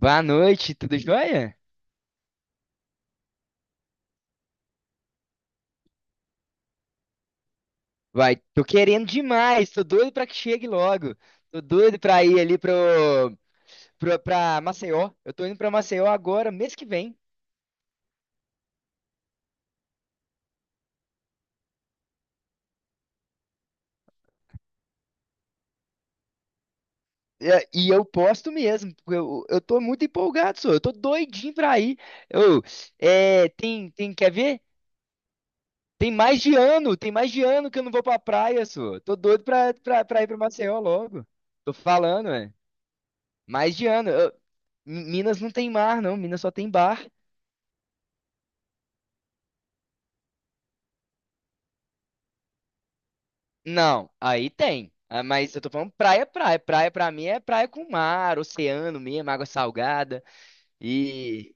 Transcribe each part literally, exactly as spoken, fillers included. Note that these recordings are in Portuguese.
Boa noite, tudo jóia? Vai, tô querendo demais, tô doido pra que chegue logo. Tô doido pra ir ali pro, pro, pra Maceió. Eu tô indo pra Maceió agora, mês que vem. É, e eu posto mesmo, porque eu, eu tô muito empolgado, só. Eu tô doidinho pra ir. Eu, é, tem, tem, quer ver? Tem mais de ano, tem mais de ano que eu não vou pra praia, só. Tô doido pra, pra, pra ir pra Maceió logo. Tô falando, é. Mais de ano. Eu- Minas não tem mar, não. Minas só tem bar. Não, aí tem. Ah, mas eu tô falando praia, praia. Praia pra mim é praia com mar, oceano mesmo, água salgada. E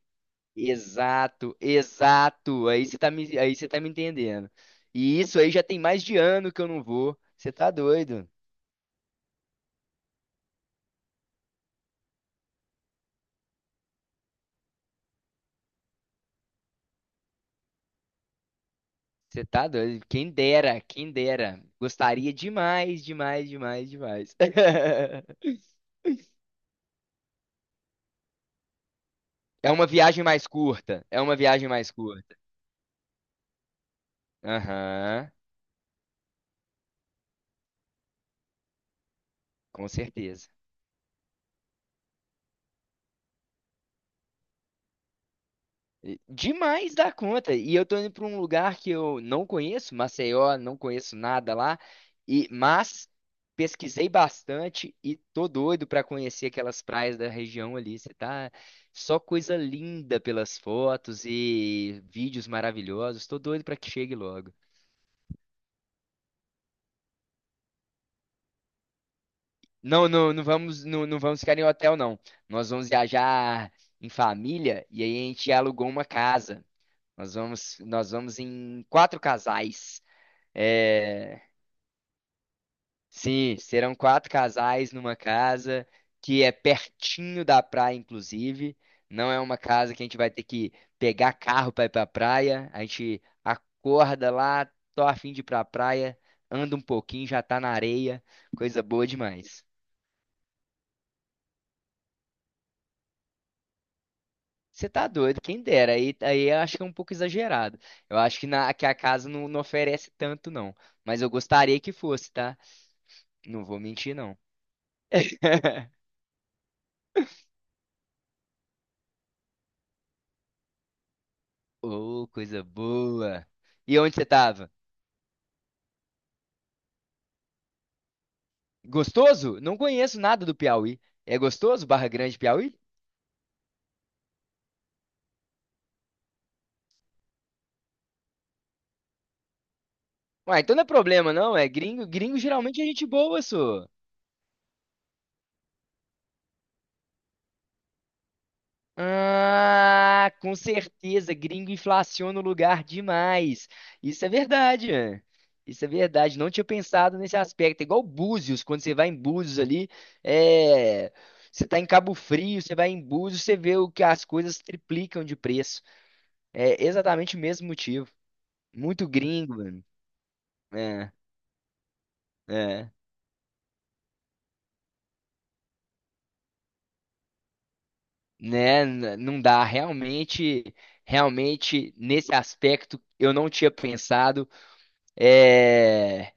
exato, exato. Aí você tá me, aí você tá me entendendo. E isso aí já tem mais de ano que eu não vou. Você tá doido? Você tá doido? Quem dera, quem dera. Gostaria demais, demais, demais, demais. É uma viagem mais curta. É uma viagem mais curta. Aham, com certeza. Demais da conta. E eu tô indo pra um lugar que eu não conheço, Maceió, não conheço nada lá. E mas pesquisei bastante e tô doido pra conhecer aquelas praias da região ali. Você tá Só coisa linda pelas fotos e vídeos maravilhosos. Tô doido pra que chegue logo. Não, não, não vamos, não, não vamos ficar em hotel, não. Nós vamos viajar em família, e aí a gente alugou uma casa. Nós vamos, nós vamos em quatro casais. É, Sim, serão quatro casais numa casa que é pertinho da praia, inclusive. Não é uma casa que a gente vai ter que pegar carro para ir para praia. A gente acorda lá, tô a fim de ir para praia, anda um pouquinho, já tá na areia, coisa boa demais. Você tá doido, quem dera. Aí, aí eu acho que é um pouco exagerado. Eu acho que, na, que a casa não, não oferece tanto, não. Mas eu gostaria que fosse, tá? Não vou mentir, não. Ô, coisa boa. E onde você tava? Gostoso? Não conheço nada do Piauí. É gostoso, Barra Grande, Piauí? Ué, então não é problema, não. É gringo. Gringo geralmente é gente boa, só. Ah, com certeza. Gringo inflaciona o lugar demais. Isso é verdade. É. Isso é verdade. Não tinha pensado nesse aspecto. É igual Búzios, quando você vai em Búzios ali, é. Você tá em Cabo Frio, você vai em Búzios, você vê o que as coisas triplicam de preço. É exatamente o mesmo motivo. Muito gringo, mano. É, é. Né? n- Não dá, realmente, realmente nesse aspecto eu não tinha pensado. É,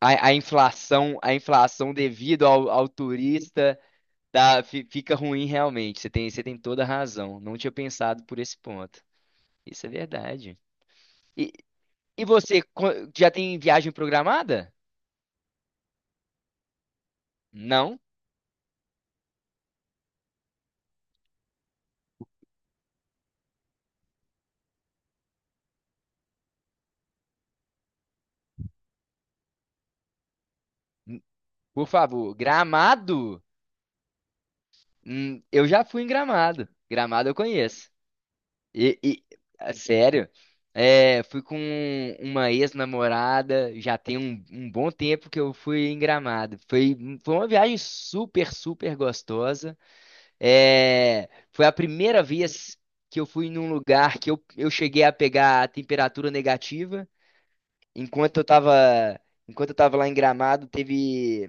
a, a inflação, a inflação devido ao, ao turista, tá, fi- fica ruim realmente. Você tem, você tem toda a razão. Não tinha pensado por esse ponto. Isso é verdade. E, e você co- já tem viagem programada? Não? Por favor, Gramado? Hum, eu já fui em Gramado. Gramado eu conheço. E, e- ah, sério, é, fui com uma ex-namorada, já tem um, um bom tempo que eu fui em Gramado. Foi, foi uma viagem super, super gostosa. É, foi a primeira vez que eu fui num lugar que eu, eu cheguei a pegar a temperatura negativa. Enquanto eu tava, enquanto eu tava lá em Gramado, teve.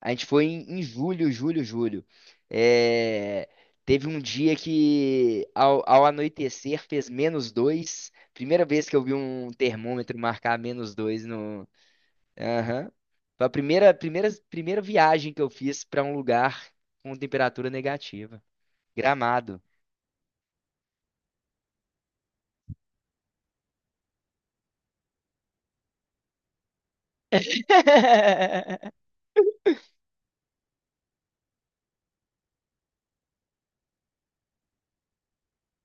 A gente foi em, em julho, julho, julho. É, teve um dia que, ao, ao anoitecer, fez menos dois. Primeira vez que eu vi um termômetro marcar menos dois, no. Aham. Foi a primeira, primeira, primeira viagem que eu fiz para um lugar com temperatura negativa. Gramado.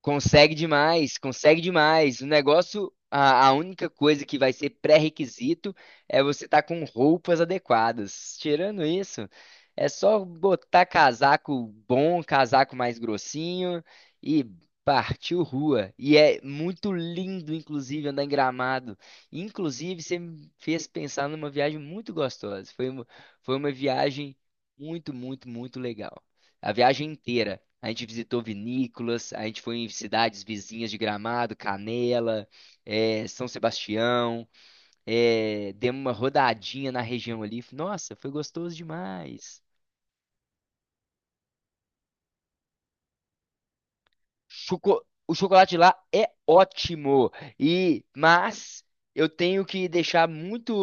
Consegue demais, consegue demais. O negócio, a, a única coisa que vai ser pré-requisito é você estar com roupas adequadas. Tirando isso, é só botar casaco bom, casaco mais grossinho, e partiu rua. E é muito lindo, inclusive, andar em Gramado. Inclusive, você me fez pensar numa viagem muito gostosa. Foi uma, foi uma viagem muito, muito, muito legal, a viagem inteira. A gente visitou vinícolas, a gente foi em cidades vizinhas de Gramado, Canela, eh, São Sebastião, eh, demos uma rodadinha na região ali. Nossa, foi gostoso demais. Choco- O chocolate de lá é ótimo, e mas eu tenho que deixar muito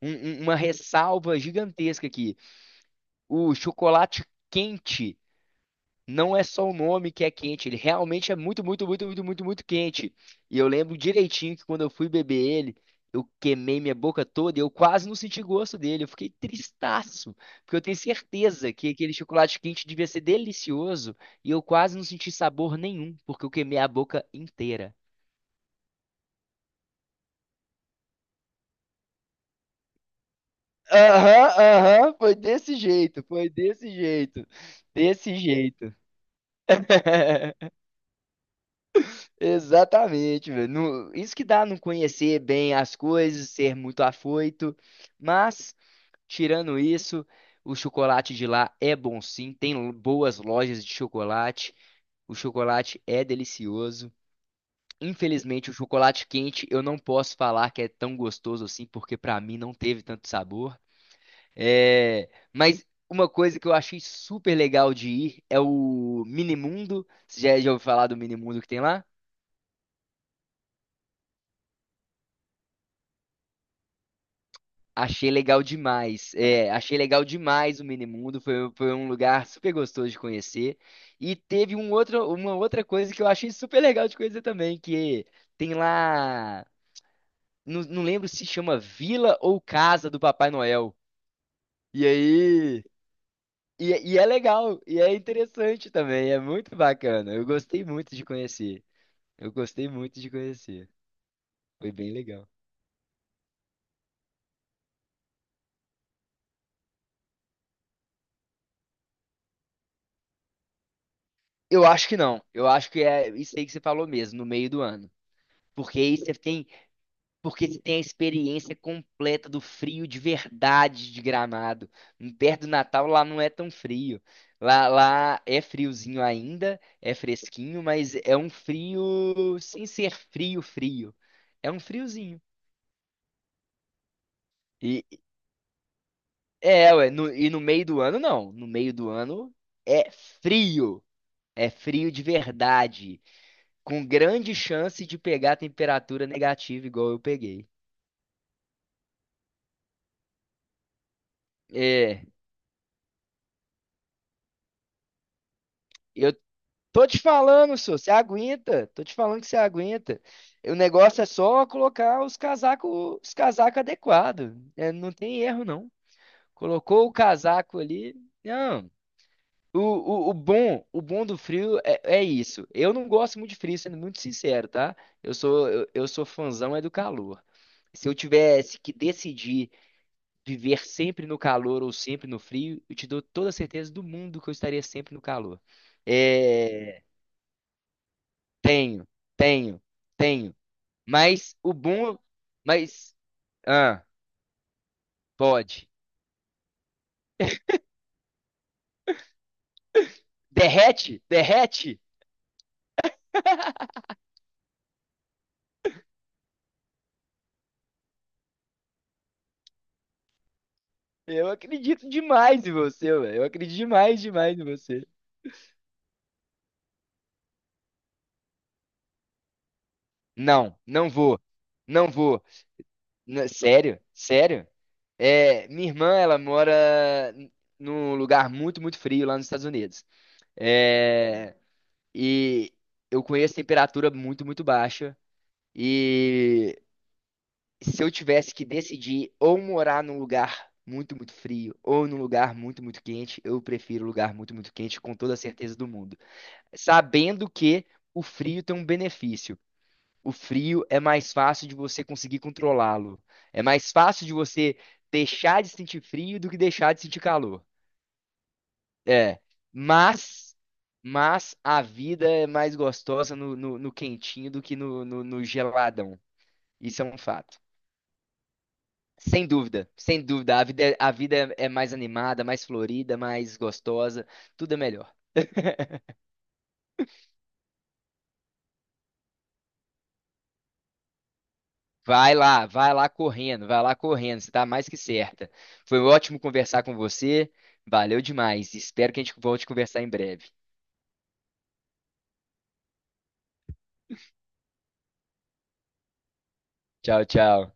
um- um- uma ressalva gigantesca aqui. O chocolate quente não é só o nome que é quente, ele realmente é muito, muito, muito, muito, muito, muito quente. E eu lembro direitinho que quando eu fui beber ele, eu queimei minha boca toda e eu quase não senti gosto dele. Eu fiquei tristaço, porque eu tenho certeza que aquele chocolate quente devia ser delicioso, e eu quase não senti sabor nenhum, porque eu queimei a boca inteira. Aham, aham, foi desse jeito, foi desse jeito, desse jeito. Exatamente, velho. No- Isso que dá não conhecer bem as coisas, ser muito afoito. Mas, tirando isso, o chocolate de lá é bom sim. Tem lo- boas lojas de chocolate. O chocolate é delicioso. Infelizmente, o chocolate quente eu não posso falar que é tão gostoso assim, porque pra mim não teve tanto sabor. É, mas uma coisa que eu achei super legal de ir é o Minimundo. Você já, já ouviu falar do Minimundo que tem lá? Achei legal demais. É, achei legal demais o Minimundo. Foi, foi um lugar super gostoso de conhecer. E teve um outro, uma outra coisa que eu achei super legal de conhecer também, que tem lá. Não, não lembro se chama Vila ou Casa do Papai Noel. E aí. E, e é legal, e é interessante também, é muito bacana. Eu gostei muito de conhecer. Eu gostei muito de conhecer. Foi bem legal. Eu acho que não. Eu acho que é isso aí que você falou mesmo, no meio do ano. Porque aí você tem Porque você tem a experiência completa do frio de verdade de Gramado. Perto do Natal lá não é tão frio. Lá, lá é friozinho ainda, é fresquinho, mas é um frio sem ser frio, frio. É um friozinho. E é, ué, no- e no meio do ano não. No meio do ano é frio. É frio de verdade, com grande chance de pegar a temperatura negativa igual eu peguei. É, eu Tô te falando, senhor, você aguenta. Tô te falando que você aguenta. O negócio é só colocar os casacos, os casacos adequados. É, não tem erro, não. Colocou o casaco ali. Não. O, o, o bom, o bom do frio é, é isso. Eu não gosto muito de frio, sendo muito sincero, tá? Eu sou, eu, eu sou fãzão é do calor. Se eu tivesse que decidir viver sempre no calor ou sempre no frio, eu te dou toda a certeza do mundo que eu estaria sempre no calor. É, tenho, tenho, tenho. Mas o boom. Mas. Ah, pode. Derrete? Derrete? Eu acredito demais em você, velho. Eu acredito demais, demais em você. Não, não vou. Não vou. N- sério? Sério? É, minha irmã, ela mora n- num lugar muito, muito frio lá nos Estados Unidos. É, e eu conheço temperatura muito, muito baixa. E se eu tivesse que decidir ou morar num lugar muito, muito frio ou num lugar muito, muito quente, eu prefiro lugar muito, muito quente com toda a certeza do mundo. Sabendo que o frio tem um benefício. O frio é mais fácil de você conseguir controlá-lo. É mais fácil de você deixar de sentir frio do que deixar de sentir calor. É. Mas, mas a vida é mais gostosa no, no, no quentinho do que no, no no geladão. Isso é um fato. Sem dúvida, sem dúvida. A vida, é- a vida é é mais animada, mais florida, mais gostosa. Tudo é melhor. Vai lá, vai lá correndo, vai lá correndo. Você tá mais que certa. Foi ótimo conversar com você. Valeu demais. Espero que a gente volte a conversar em breve. Tchau, tchau.